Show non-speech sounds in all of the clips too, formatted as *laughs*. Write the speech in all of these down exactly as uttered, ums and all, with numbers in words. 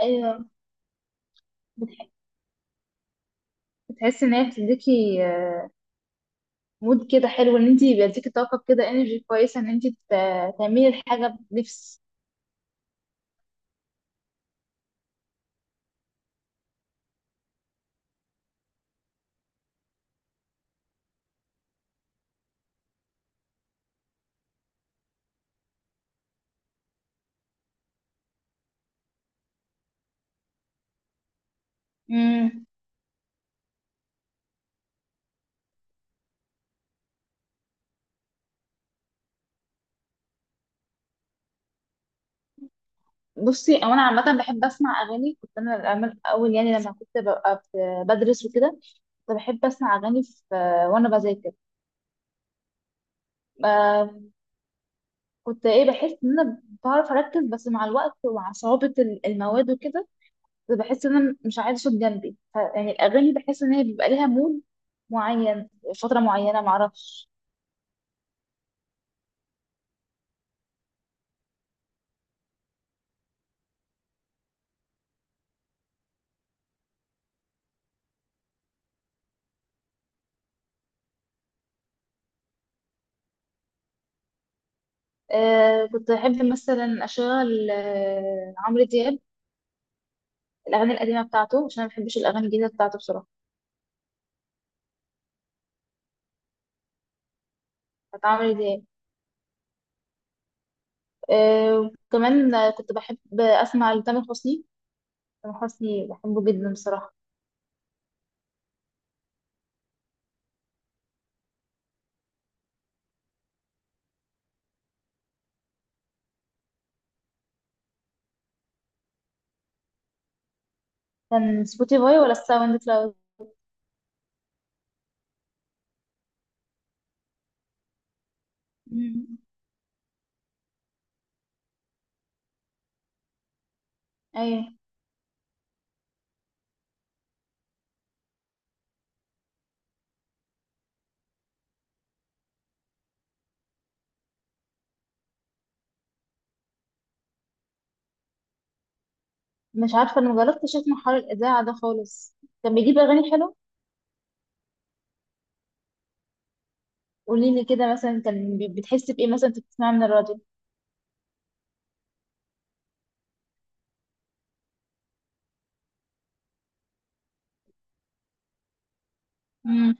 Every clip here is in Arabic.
ايوه. بتح- بتحسي ان هي بتديكي آه، مود كده حلو، ان انت بيديكي طاقه كده، انرجي كويسه ان انت تعملي الحاجه بنفس. امم بصي، او انا عامه بحب اسمع اغاني. كنت انا الأعمال- اول يعني لما كنت ببقى في- بدرس وكده، كنت بحب اسمع اغاني في آه، وانا بذاكر. آه، كنت ايه بحس ان انا بعرف اركز، بس مع الوقت ومع صعوبه ال- المواد وكده كنت بحس ان انا مش عايزه صوت جنبي، ف- يعني الاغاني بحس ان هي بيبقى ليها مود معين، فتره معينه، معرفش. آه، كنت أحب مثلا أشغل آه عمرو دياب، الأغاني القديمة بتاعته، عشان أنا ما بحبش الأغاني الجديدة بتاعته بصراحة. بتاعت عمرو دياب. آه وكمان آه، كنت بحب أسمع لتامر حسني. تامر حسني بحبه جدا بصراحة. كان سبوتيفاي ولا الساوند كلاود؟ مم. *laughs* أيوة. مش عارفة، أنا مجربتش أسمع حوار الإذاعة ده خالص. كان بيجيب أغاني حلوة. قوليلي كده مثلا، كان بي- بتحس بإيه مثلا أنت بتسمعها من الراديو؟ مم.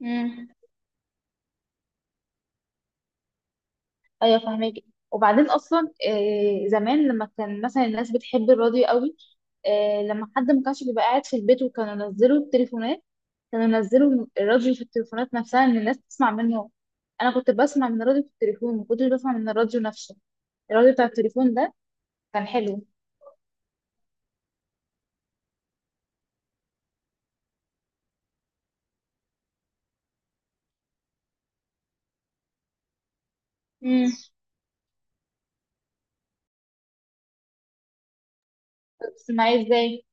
مم. ايوه فاهمك. وبعدين اصلا آه، زمان لما كان مثلا الناس بتحب الراديو قوي، آه، لما حد ما كانش بيبقى قاعد في البيت، وكانوا ينزلوا التليفونات، كانوا ينزلوا الراديو في التليفونات نفسها ان الناس تسمع منه. انا كنت بسمع من الراديو في التليفون، ما كنتش بسمع من الراديو نفسه. الراديو بتاع التليفون ده كان حلو. امم. بتسمعيه ازاي؟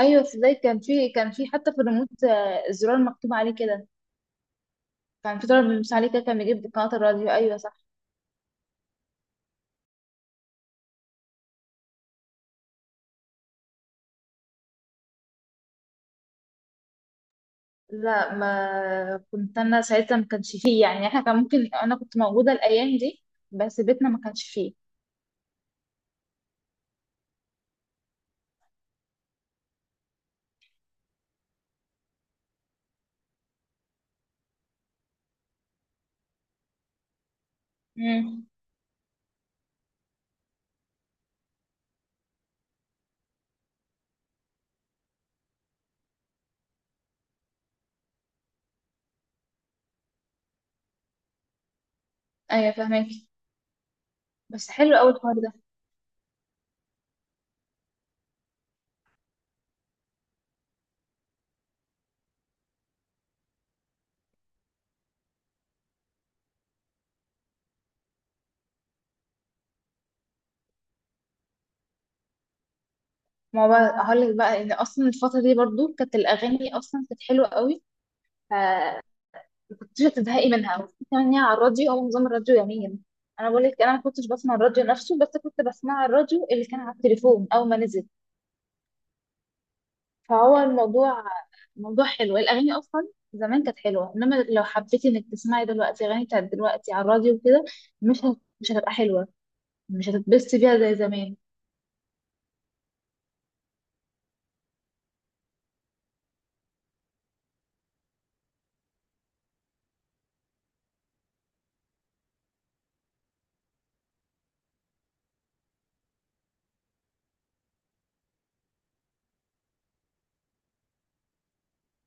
ايوه، ازاي؟ كان في، كان في حتى في الريموت آه، الزرار مكتوب عليه كده. كان في زرار بيمشي عليه كده كان بيجيب قناة الراديو، ايوه. لا، ما كنت انا ساعتها ما كانش فيه، يعني احنا كان ممكن انا كنت موجوده الايام دي، بس بيتنا ما كانش فيه. امم. ايوه فاهمك. بس حلو قوي الحوار ده. ما هو بقى هقول لك بقى ان اصلا الفتره دي برضو كانت الاغاني اصلا كانت حلوه قوي، فما كنتش هتزهقي منها. وفي كمان هي على الراديو، هو نظام الراديو يمين؟ انا بقول لك انا ما كنتش بسمع الراديو نفسه، بس كنت بسمع الراديو اللي كان على التليفون اول ما نزل. فهو الموضوع موضوع حلو. الأغاني أصلا زمان كانت حلوة، إنما لو حبيتي إنك تسمعي دلوقتي أغاني بتاعت دلوقتي على الراديو وكده، مش هت... مش هتبقى حلوة، مش هتتبسطي بيها زي زمان.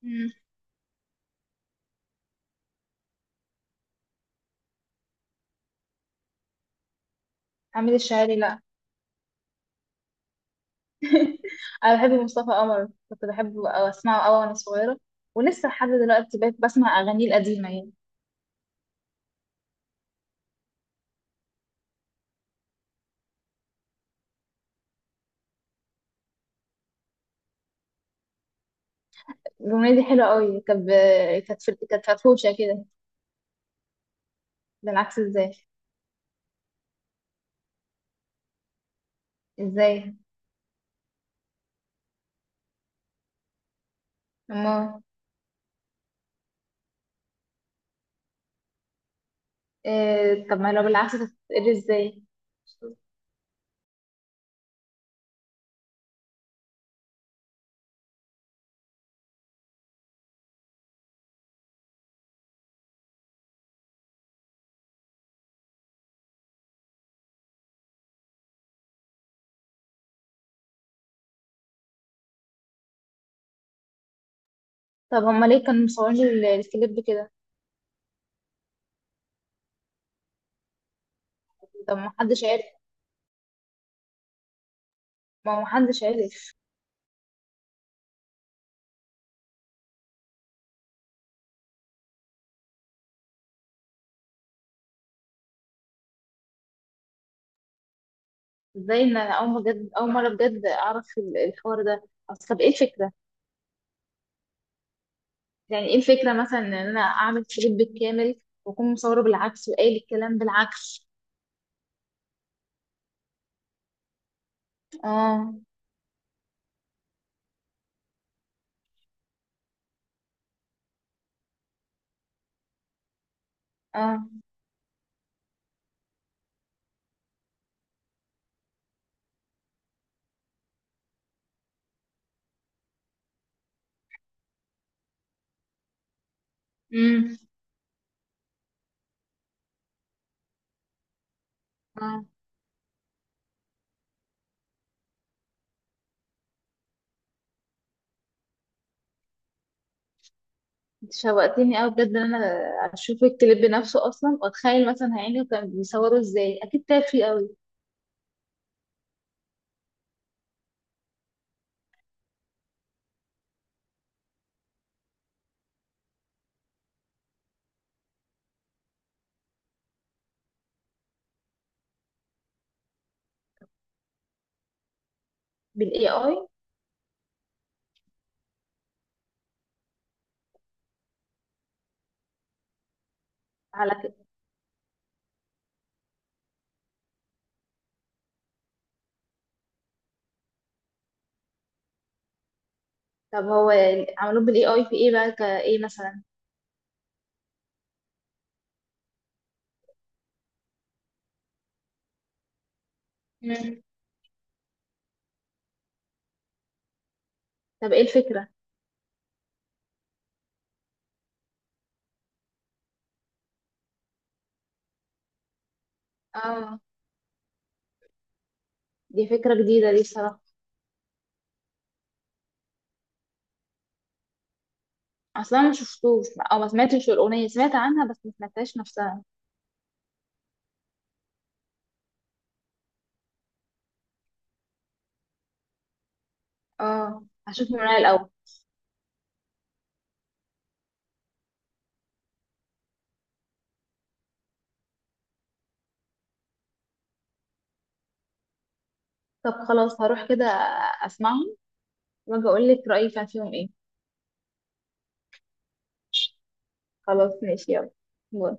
مم. حميد الشاعري، لا. *laughs* أنا بحب مصطفى قمر، كنت بحبه أو أسمعه أوي وأنا صغيرة، ولسه لحد دلوقتي بقيت بسمع أغانيه القديمة يعني. الأغنية دي حلوة أوي، كانت ب... كانت في... كانت فرفوشة كده. بالعكس إزاي؟ إزاي؟ أما إيه... طب ما لو بالعكس تتقري إزاي؟ طب هما ليه كانوا مصورين ال- الكليب كده؟ طب ما حدش عارف. ما هو ما حدش عارف. ازاي، ان انا اول بجد، اول مره بجد اعرف ال- الحوار ده. اصل طب ايه الفكره؟ يعني ايه الفكره مثلا ان انا اعمل كليب كامل واكون مصوره بالعكس وقايل الكلام بالعكس؟ اه. اه. امم. اه، انت شوقتني قوي بجد ان انا اشوف الكليب نفسه اصلا، واتخيل مثلا هيعملوا كان بيصوروا ازاي، اكيد تعب فيه قوي. بالاي اي؟ على كده. طب هو عملوه بالاي اي في ايه بقى، كايه مثلا؟ طب ايه الفكرة؟ اه، دي فكرة جديدة دي الصراحة. اصلا ما شفتوش، او ما سمعتش الاغنية، سمعت عنها بس ما سمعتهاش نفسها. اه، هشوف من رأيي الاول. طب خلاص هروح كده اسمعهم، واجي اقول لك رأيي كان فيهم ايه. خلاص ماشي، يلا باي.